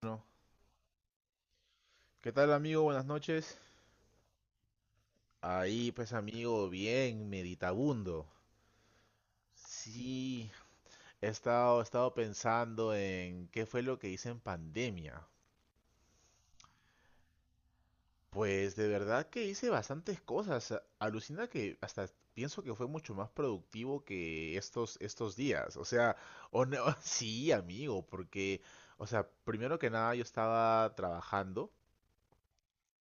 Bueno, ¿qué tal amigo? Buenas noches. Ahí pues amigo, bien, meditabundo. Sí, he estado pensando en qué fue lo que hice en pandemia. Pues de verdad que hice bastantes cosas. Alucina que hasta pienso que fue mucho más productivo que estos días. O sea, o no- sí, amigo, porque, o sea, primero que nada yo estaba trabajando.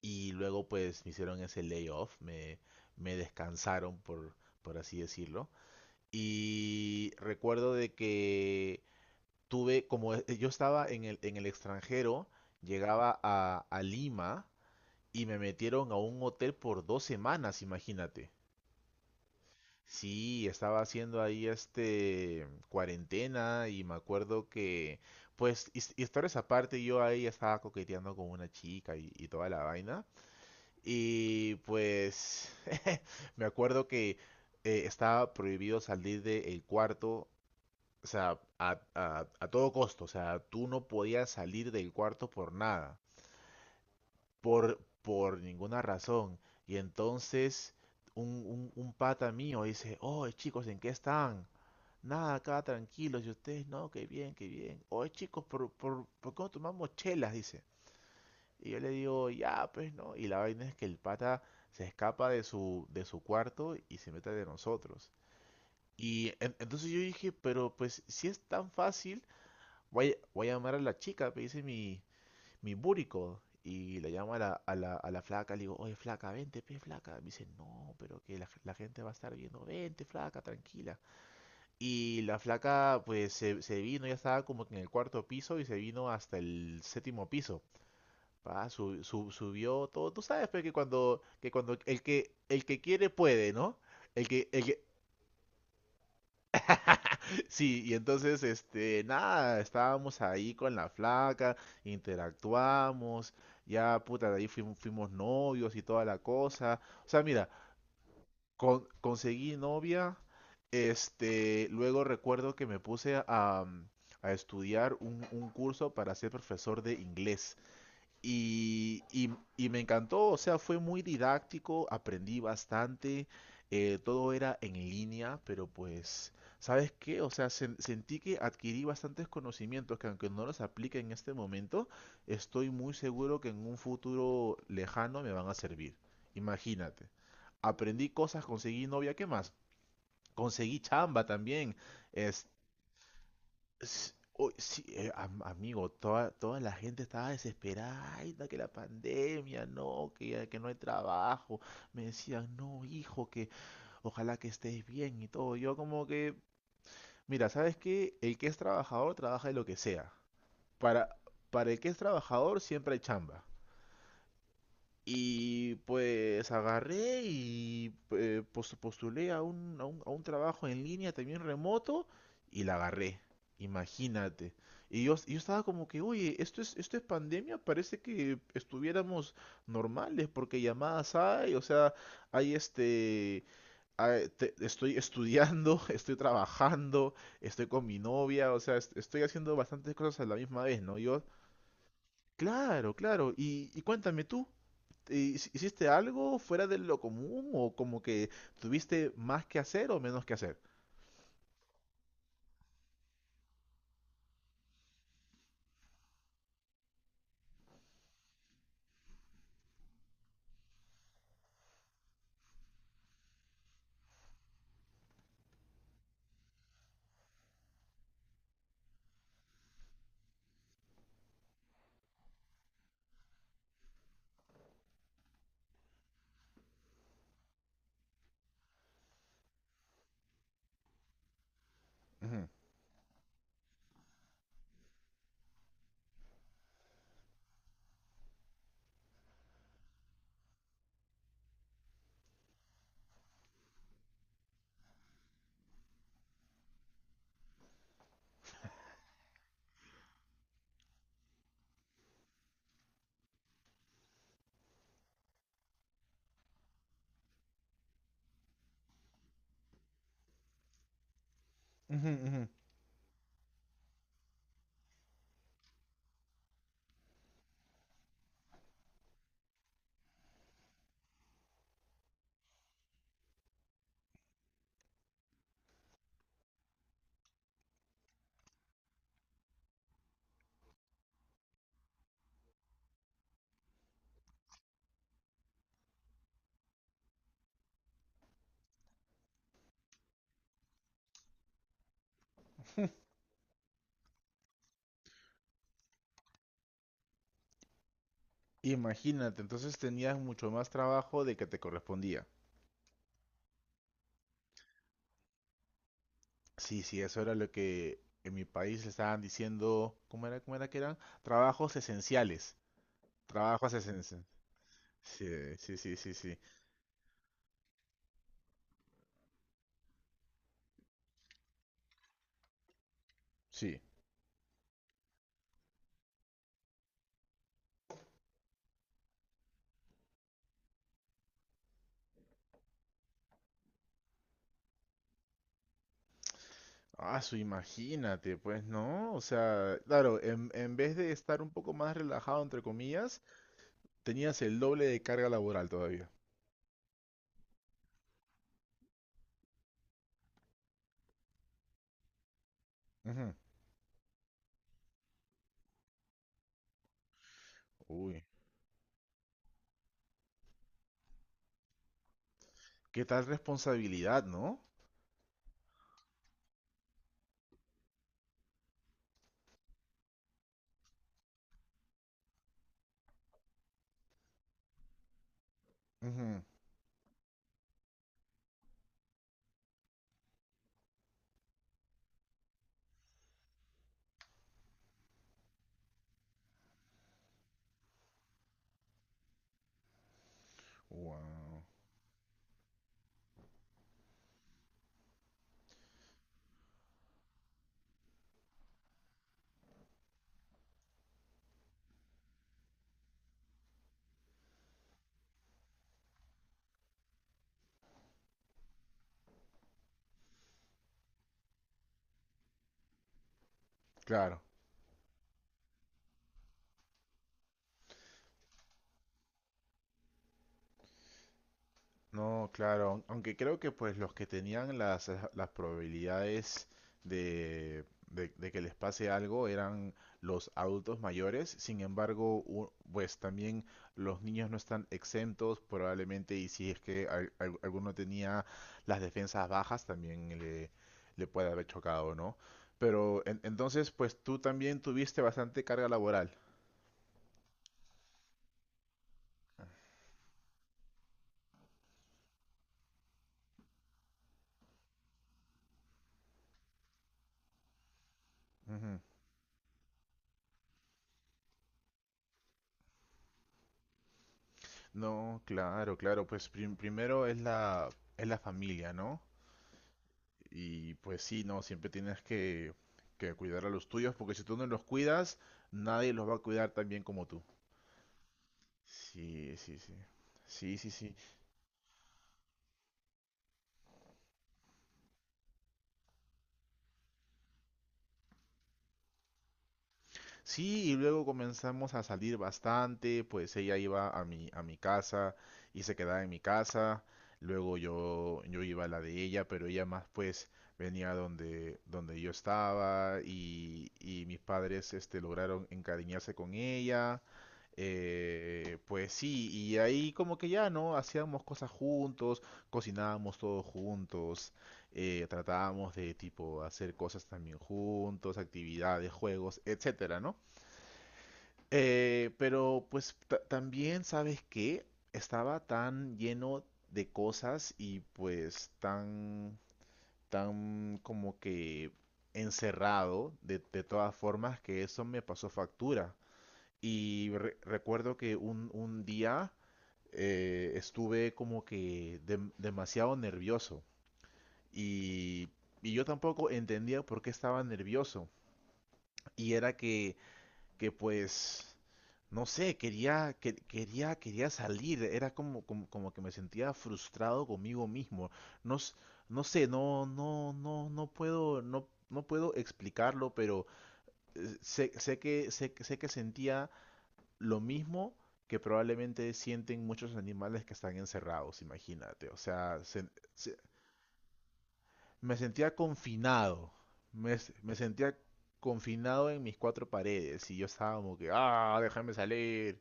Y luego pues me hicieron ese layoff, me descansaron por así decirlo. Y recuerdo de que tuve, como yo estaba en el extranjero, llegaba a Lima y me metieron a un hotel por 2 semanas, imagínate. Sí, estaba haciendo ahí este cuarentena y me acuerdo que, pues, historias aparte, yo ahí estaba coqueteando con una chica y toda la vaina. Y pues me acuerdo que estaba prohibido salir del cuarto, o sea, a todo costo, o sea, tú no podías salir del cuarto por nada, por ninguna razón. Y entonces un pata mío dice, oh, chicos, ¿en qué están? Nada, acá tranquilos, y ustedes, no, qué bien, qué bien. Oye, chicos, ¿por qué no tomamos chelas? Dice. Y yo le digo, ya, pues, ¿no? Y la vaina es que el pata se escapa de su cuarto y se mete de nosotros. Entonces yo dije, pero pues si es tan fácil, voy a llamar a la chica, me dice mi búrico. Y le llamo a a la flaca, le digo, oye flaca, vente, pe flaca. Me dice, no, pero que la gente va a estar viendo, vente flaca, tranquila. Y la flaca pues se vino, ya estaba como que en el cuarto piso y se vino hasta el séptimo piso. Pa, subió todo. Tú sabes pe, que cuando el que quiere puede, ¿no? El que, el que, sí, y entonces, este, nada, estábamos ahí con la flaca, interactuamos, ya, puta, de ahí fuimos, fuimos novios y toda la cosa. O sea, mira, conseguí novia, este, luego recuerdo que me puse a estudiar un curso para ser profesor de inglés. Y, y- y me encantó, o sea, fue muy didáctico, aprendí bastante, todo era en línea, pero pues, ¿sabes qué? O sea, sentí que adquirí bastantes conocimientos que aunque no los aplique en este momento, estoy muy seguro que en un futuro lejano me van a servir. Imagínate, aprendí cosas, conseguí novia, ¿qué más? Conseguí chamba también. Uy, sí, amigo, toda la gente estaba desesperada, ay, da que la pandemia, no, que, que no hay trabajo. Me decían, no, hijo, que ojalá que estés bien y todo. Yo como que, mira, ¿sabes qué? El que es trabajador trabaja de lo que sea. Para, para el que es trabajador siempre hay chamba. Y pues agarré y postulé a un trabajo en línea también remoto y la agarré. Imagínate. Yo estaba como que, oye, esto es pandemia, parece que estuviéramos normales porque llamadas hay, o sea, hay este, estoy estudiando, estoy trabajando, estoy con mi novia, o sea, estoy haciendo bastantes cosas a la misma vez, ¿no? Yo, claro, claro, y cuéntame tú. ¿Hiciste algo fuera de lo común o como que tuviste más que hacer o menos que hacer? Ujú. Imagínate, entonces tenías mucho más trabajo de que te correspondía. Sí, sí, eso era lo que en mi país le estaban diciendo, cómo era que eran? Trabajos esenciales. Trabajos esenciales. Sí, sí, sí, sí, sí. Sí. Ah, su, imagínate, pues, ¿no? O sea, claro, en vez de estar un poco más relajado, entre comillas, tenías el doble de carga laboral todavía. Ujú. Uy. ¿Qué tal responsabilidad, no? Ujú. Wow. Claro. No, claro. Aunque creo que pues los que tenían las probabilidades de que les pase algo eran los adultos mayores. Sin embargo, pues también los niños no están exentos probablemente y si es que alguno tenía las defensas bajas también le puede haber chocado, ¿no? Pero entonces pues tú también tuviste bastante carga laboral. No, claro, claro, pues primero es es la familia, ¿no? Y pues sí, no, siempre tienes que cuidar a los tuyos, porque si tú no los cuidas, nadie los va a cuidar tan bien como tú. Sí, sí, sí. Sí, sí, sí. Sí, y luego comenzamos a salir bastante, pues ella iba a a mi casa y se quedaba en mi casa, luego yo iba a la de ella, pero ella más pues venía donde, donde yo estaba y mis padres este, lograron encariñarse con ella, pues sí, y ahí como que ya, ¿no? Hacíamos cosas juntos, cocinábamos todos juntos, tratábamos de tipo hacer cosas también juntos, actividades, juegos, etcétera, ¿no? Pero pues también, ¿sabes qué? Estaba tan lleno de cosas y pues tan, tan como que encerrado de todas formas que eso me pasó factura. Y recuerdo que un día estuve como que demasiado nervioso y, y yo tampoco entendía por qué estaba nervioso. Y era que pues, no sé, quería salir, era como, como, como que me sentía frustrado conmigo mismo. No, s- no sé, no puedo, no puedo explicarlo, pero sé que sentía lo mismo que probablemente sienten muchos animales que están encerrados, imagínate. O sea, se- me sentía confinado. Me sentía confinado en mis cuatro paredes y yo estaba como que, ah, déjame salir,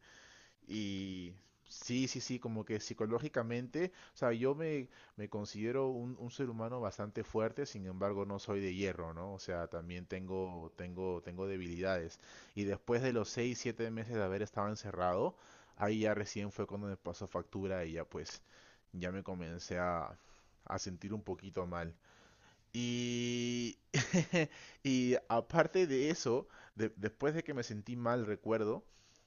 y sí, sí, sí, como que psicológicamente, o sea, me considero un ser humano bastante fuerte, sin embargo no soy de hierro, ¿no? O sea, también tengo debilidades. Y después de los 6 o 7 meses de haber estado encerrado, ahí ya recién fue cuando me pasó factura y ya pues, ya me comencé a sentir un poquito mal. Y y aparte de eso, después de que me sentí mal, recuerdo,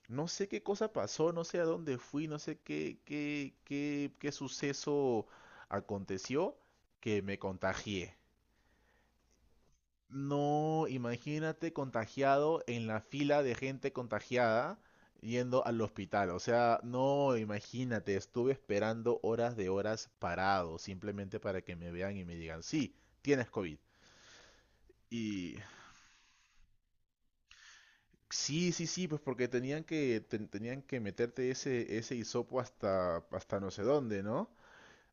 no sé qué cosa pasó, no sé a dónde fui, no sé qué suceso aconteció que me contagié. No, imagínate contagiado en la fila de gente contagiada yendo al hospital. O sea, no, imagínate, estuve esperando horas de horas parado, simplemente para que me vean y me digan, sí, tienes COVID. Y sí, sí, sí, pues porque tenían que tenían que meterte ese ese hisopo hasta hasta no sé dónde, ¿no?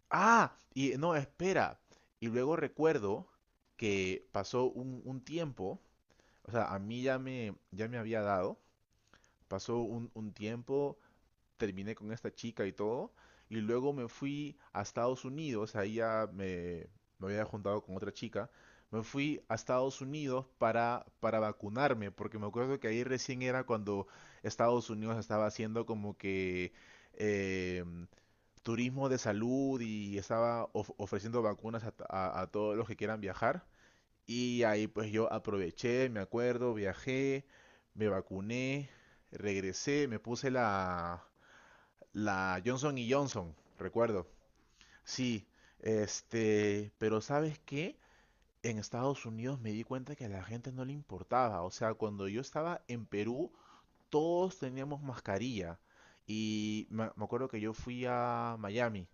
Ah, y no, espera. Y luego recuerdo que pasó un tiempo, o sea, a mí ya me había dado, pasó un tiempo, terminé con esta chica y todo, y luego me fui a Estados Unidos, ahí me había juntado con otra chica, me fui a Estados Unidos para vacunarme, porque me acuerdo que ahí recién era cuando Estados Unidos estaba haciendo como que eh, turismo de salud y estaba ofreciendo vacunas a todos los que quieran viajar. Y ahí pues yo aproveché, me acuerdo, viajé, me vacuné, regresé, me puse la Johnson y Johnson, recuerdo. Sí, este, pero ¿sabes qué? En Estados Unidos me di cuenta que a la gente no le importaba. O sea, cuando yo estaba en Perú, todos teníamos mascarilla. Y me acuerdo que yo fui a Miami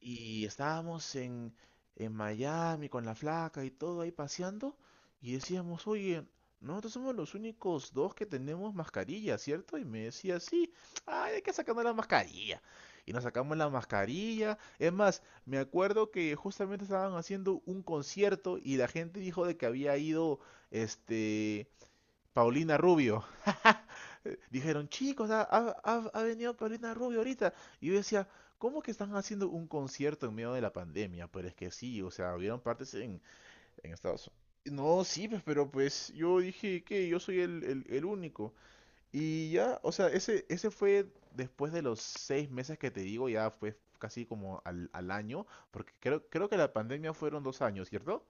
y estábamos en Miami con la flaca y todo ahí paseando y decíamos, oye, nosotros somos los únicos dos que tenemos mascarilla, ¿cierto? Y me decía, sí, ay, hay que sacarnos la mascarilla. Y nos sacamos la mascarilla. Es más, me acuerdo que justamente estaban haciendo un concierto y la gente dijo de que había ido, este, Paulina Rubio. Eh, dijeron, chicos, ha venido Paulina Rubio ahorita. Y yo decía, ¿cómo que están haciendo un concierto en medio de la pandemia? Pero es que sí, o sea, hubieron partes en Estados Unidos. No, sí, pues, pero pues yo dije que yo soy el único. Y ya, o sea, ese fue después de los 6 meses que te digo, ya fue casi como al año, porque creo que la pandemia fueron 2 años, ¿cierto?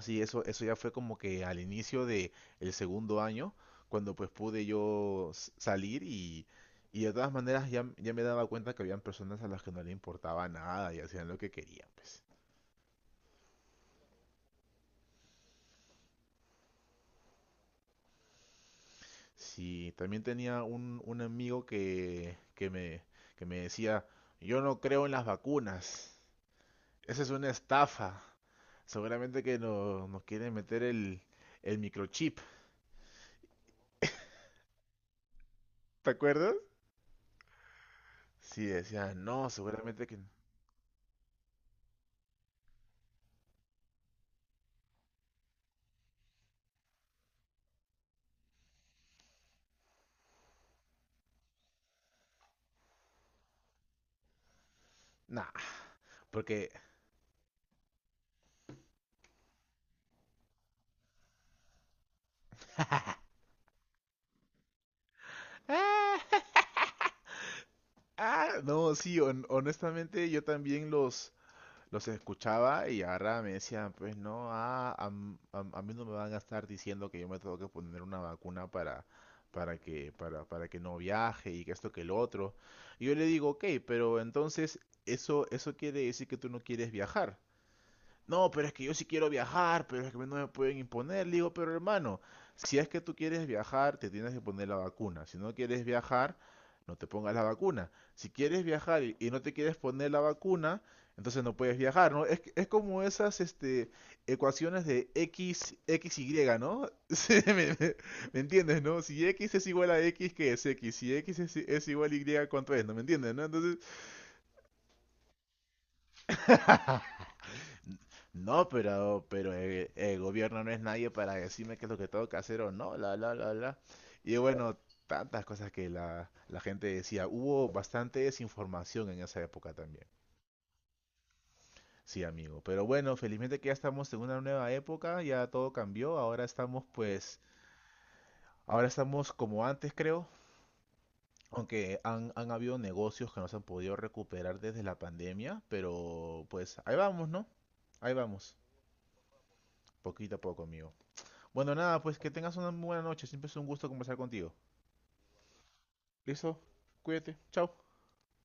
Sí, eso ya fue como que al inicio de el segundo año, cuando pues pude yo salir y de todas maneras ya, ya me daba cuenta que habían personas a las que no le importaba nada y hacían lo que querían, pues. Sí, también tenía un amigo que me decía, yo no creo en las vacunas, esa es una estafa, seguramente que no, nos quieren meter el microchip, ¿te acuerdas? Sí, decía, no, seguramente que... Nah, porque ah, ah, no, sí, honestamente yo también los escuchaba y ahora me decían, pues no, a mí no me van a estar diciendo que yo me tengo que poner una vacuna para que no viaje y que esto que lo otro. Y yo le digo, ok, pero entonces eso quiere decir que tú no quieres viajar. No, pero es que yo sí quiero viajar, pero es que no me pueden imponer. Le digo, pero hermano, si es que tú quieres viajar, te tienes que poner la vacuna. Si no quieres viajar, no te pongas la vacuna. Si quieres viajar y no te quieres poner la vacuna, entonces no puedes viajar, ¿no? Es como esas este, ecuaciones de X, Y, ¿no? Sí, ¿me entiendes, no? Si X es igual a X, ¿qué es X? Si X es igual a Y, ¿cuánto es? ¿No me entiendes, no? Entonces, no, pero el gobierno no es nadie para decirme qué es lo que tengo que hacer o no, la. Y bueno, tantas cosas que la gente decía. Hubo bastante desinformación en esa época también. Sí, amigo. Pero bueno, felizmente que ya estamos en una nueva época, ya todo cambió. Ahora estamos pues, ahora estamos como antes, creo. Aunque han habido negocios que no se han podido recuperar desde la pandemia, pero pues ahí vamos, ¿no? Ahí vamos, poquito a poco, amigo. Bueno, nada, pues que tengas una buena noche. Siempre es un gusto conversar contigo. ¿Listo? Cuídate. Chao.